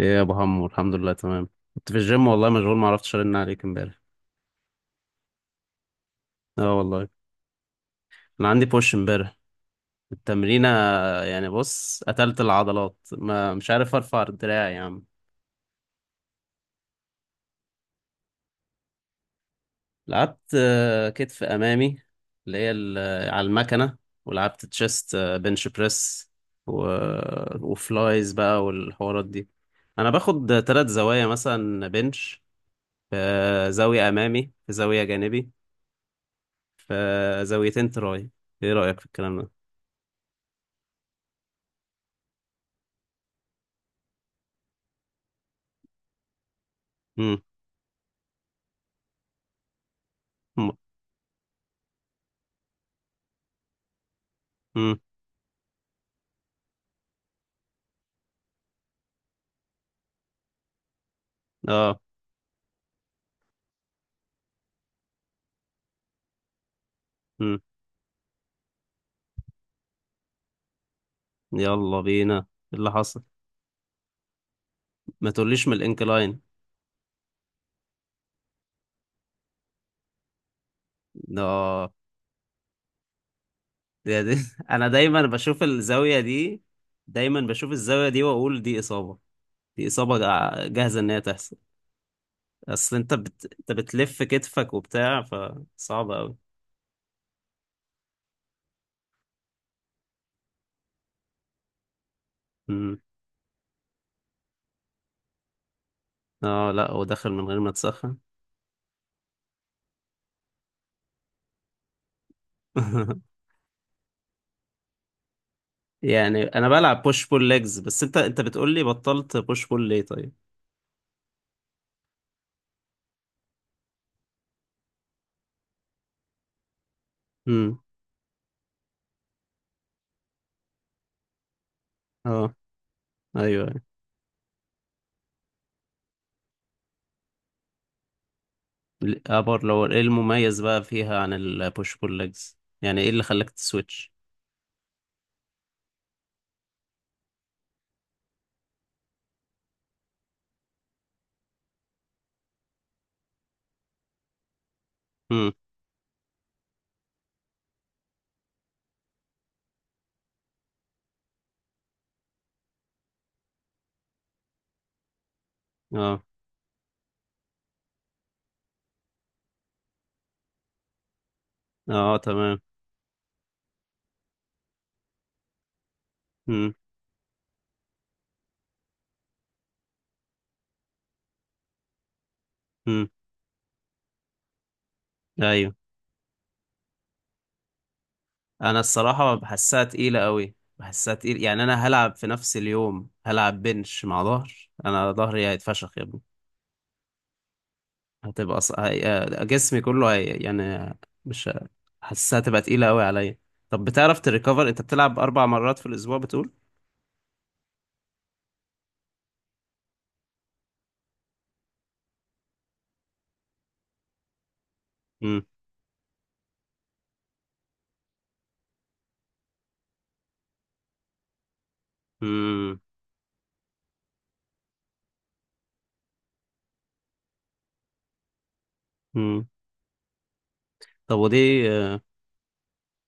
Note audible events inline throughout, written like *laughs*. ايه يا ابو حمو، الحمد لله تمام. كنت في الجيم والله مشغول، ما عرفتش ارن عليك امبارح. اه والله انا عندي بوش امبارح التمرينه. يعني بص قتلت العضلات ما مش عارف ارفع الدراع يا عم. لعبت كتف امامي اللي هي على المكنه. ولعبت تشيست بنش بريس و... وفلايز بقى والحوارات دي. انا باخد ثلاث زوايا مثلا بنش، في زاويه امامي، في زاويه جانبي، في زاويتين تراي. ايه رايك في الكلام ده؟ م- مم. اه. مم. يلا بينا، إيه اللي حصل؟ ما تقوليش من الانكلاين. ده. اه. يا دي *laughs* انا دايما بشوف الزاوية دي، دايما بشوف الزاوية دي واقول دي اصابة، دي اصابة جاهزة ان هي تحصل. اصل انت بتلف كتفك وبتاع فصعب قوي. مم. اه لا هو داخل من غير ما تسخن. *laughs* يعني انا بلعب بوش بول ليجز، بس انت بتقولي بطلت بوش بول ليه طيب؟ امم. اه. ايوه. ابر لور، ايه المميز بقى فيها عن البوش بول ليجز؟ يعني ايه اللي خلاك تسويتش؟ امم. اه. اه تمام. امم. امم. ايوه. انا الصراحه بحسها تقيله قوي، بحسها تقيل، يعني انا هلعب في نفس اليوم هلعب بنش مع ظهر، انا ظهري هيتفشخ يا ابني. هتبقى ص... هي... آه، جسمي كله يعني مش ه- حاسسها تبقى تقيله قوي عليا. طب بتعرف تريكفر؟ انت بتلعب اربع مرات في الاسبوع بتقول؟ امم. امم. امم. طب ودي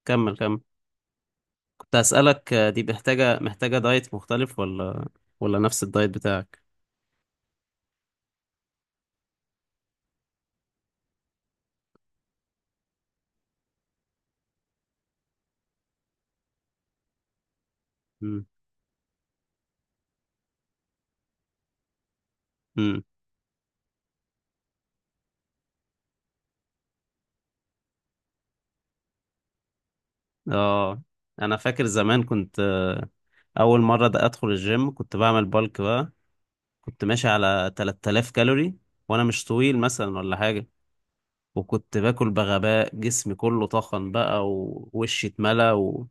كمل. كنت أسألك، دي محتاجة دايت مختلف، ولا ولا نفس الدايت بتاعك؟ مم. مم. اه. انا فاكر زمان كنت، اول مرة ده ادخل الجيم كنت بعمل بالك بقى، كنت ماشي على 3000 كالوري، وانا مش طويل مثلا ولا حاجة، وكنت باكل بغباء، جسمي كله طخن بقى ووشي اتملى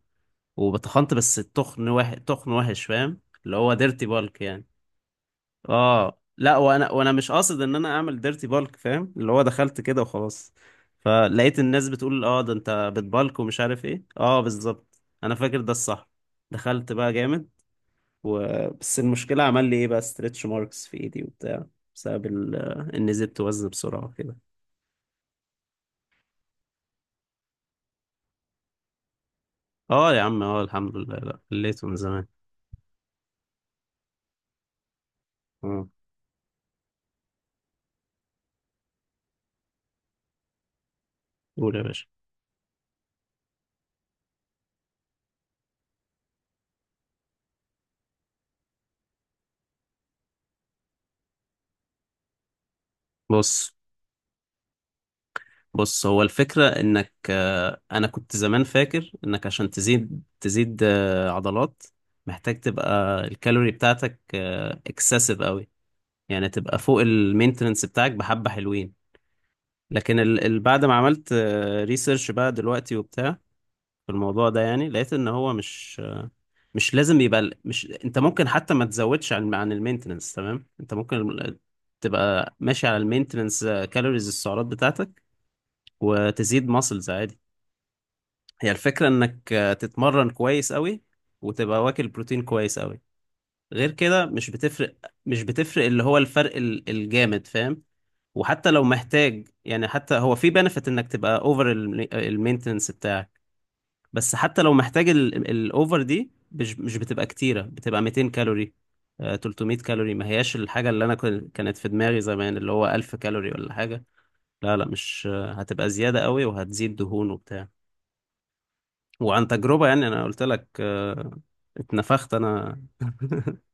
وبتخنت، بس التخن تخن وحش، فاهم اللي هو ديرتي بالك يعني. اه لا وانا مش قاصد ان انا اعمل ديرتي بالك، فاهم اللي هو دخلت كده وخلاص، فلقيت الناس بتقول اه ده انت بتبالك ومش عارف ايه، اه بالظبط انا فاكر ده الصح. دخلت بقى جامد و... بس المشكلة عمل لي ايه بقى، ستريتش ماركس في ايدي وبتاع، بسبب ان زدت وزن بسرعة كده. اه يا عم اه الحمد لله، لا خليته من زمان. مم. قول يا باشا. بص، بص هو الفكرة انك، انا كنت زمان فاكر انك عشان تزيد تزيد عضلات، محتاج تبقى الكالوري بتاعتك اكسسيف قوي، يعني تبقى فوق المينتننس بتاعك بحبة حلوين. لكن بعد ما عملت ريسيرش بقى دلوقتي وبتاع في الموضوع ده، يعني لقيت ان هو مش، مش، انت ممكن حتى ما تزودش عن المينتننس، تمام؟ انت ممكن تبقى ماشي على المينتننس كالوريز، السعرات بتاعتك، وتزيد ماسلز عادي. هي الفكرة انك تتمرن كويس قوي، وتبقى واكل بروتين كويس قوي، غير كده مش بتفرق. مش بتفرق اللي هو الفرق الجامد، فاهم؟ وحتى لو محتاج، يعني حتى هو في بنفيت انك تبقى اوفر المينتنس بتاعك، بس حتى لو محتاج الاوفر دي مش بتبقى كتيرة، بتبقى 200 كالوري، 300 كالوري، ما هياش الحاجة اللي انا كانت في دماغي زمان اللي هو 1000 كالوري ولا حاجة. لا لا، مش هتبقى زيادة قوي وهتزيد دهون وبتاع، وعن تجربة يعني أنا قلت لك. اتنفخت أنا. *laughs*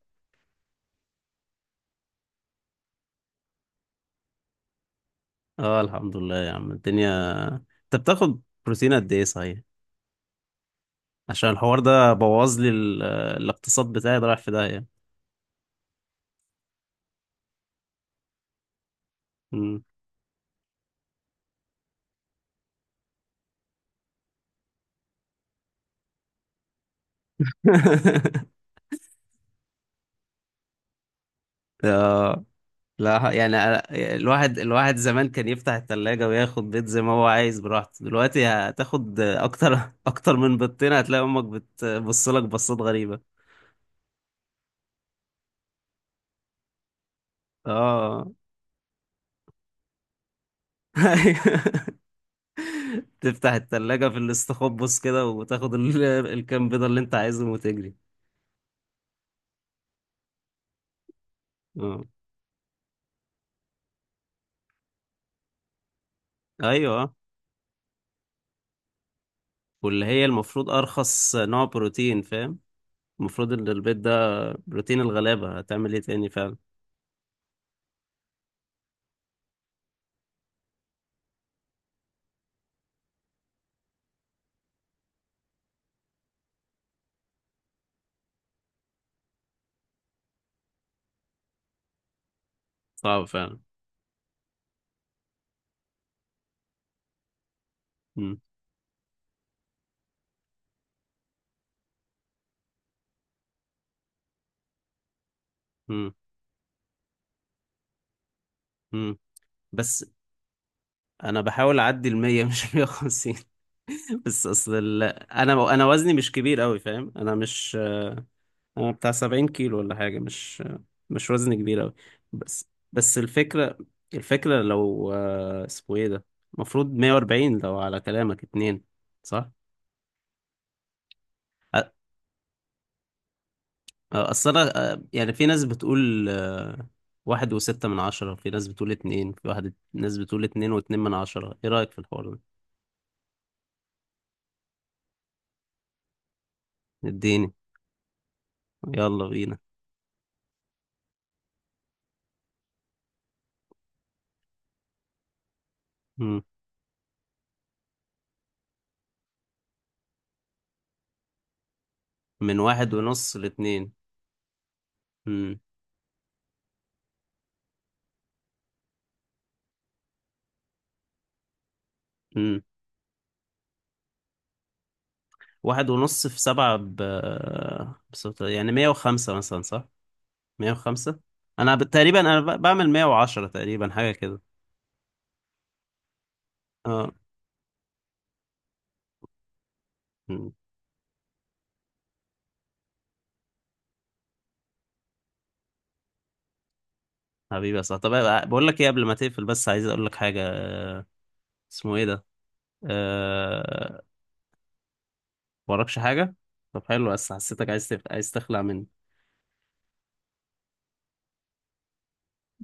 اه الحمد لله يا عم الدنيا. أنت بتاخد بروتين قد إيه صحيح؟ عشان الحوار ده بوظ لي الاقتصاد بتاعي ده رايح في داهية. مم. *laughs* آه، لا يعني الواحد زمان كان يفتح التلاجة وياخد بيض زي ما هو عايز براحته، دلوقتي هتاخد أكتر *laughs* أكتر من بيضتين هتلاقي أمك بتبص لك بصات غريبة. اه *laughs* تفتح التلاجة في الاستخبص كده وتاخد *laughs* الكام بيضة اللي انت عايزهم وتجري. اه ايوه، واللي هي المفروض ارخص نوع بروتين، فاهم؟ المفروض ان البيض ده بروتين الغلابة، هتعمل ايه تاني فعلا؟ صعب فعلا. مم. مم. مم. بس انا بحاول اعدي المية، *laughs* مش المية وخمسين. *laughs* بس اصل انا وزني مش كبير قوي، فاهم؟ انا مش بتاع 70 كيلو ولا حاجة، مش مش وزن كبير أوي. بس الفكرة، الفكرة لو اسمه ايه ده، المفروض 140 لو على كلامك اتنين، صح؟ أ- أصل أنا يعني في ناس بتقول واحد وستة من عشرة، في ناس بتقول اتنين في واحد، ناس بتقول اتنين واتنين من عشرة، ايه رأيك في الحوار ده؟ اديني، يلا بينا. مم. من واحد ونص لاتنين. مم. مم. واحد ونص في سبعة يعني مية وخمسة مثلا، صح؟ 105. انا تقريبا انا بعمل 110 تقريبا حاجه كده. اه. مم. حبيبي يا صاحبي، طب بقول لك ايه قبل ما تقفل، بس عايز اقول لك حاجه، اسمه ايه ده، أه... وراكش حاجه؟ طب حلو، بس حسيتك عايز عايز تخلع مني.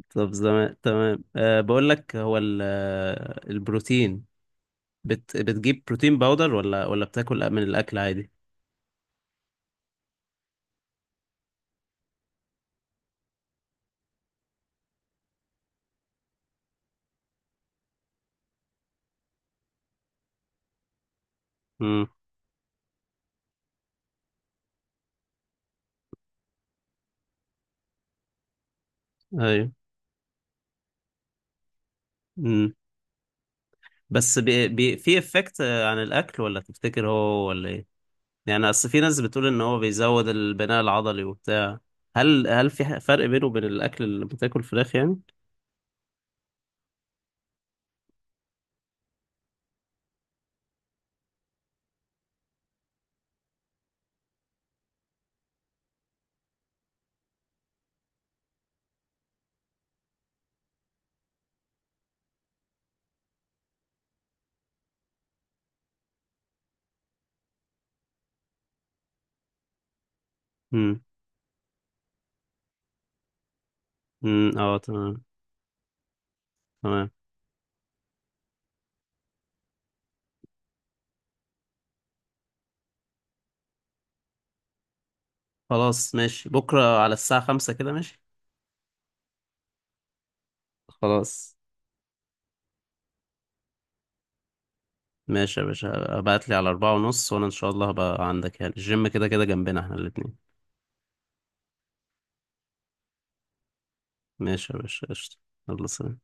طب زمان تمام. أه بقول لك هو ال... آه، البروتين بتجيب بروتين باودر، ولا ولا بتاكل من الاكل عادي؟ امم. ايوه. امم. بس في افكت عن الاكل، ولا تفتكر هو هو ولا ايه؟ يعني اصل في ناس بتقول ان هو بيزود البناء العضلي وبتاع. هل هل في فرق بينه وبين الاكل اللي بتاكل فراخ يعني؟ امم. امم. اه تمام. تمام. خلاص ماشي، بكره على الساعه 5 كده، ماشي. خلاص، ماشي يا باشا، ابعت لي على 4:30، وانا ان شاء الله هبقى عندك، يعني الجيم كده كده جنبنا احنا الاتنين. ماشي يا باشا، قشطة. يلا سلام.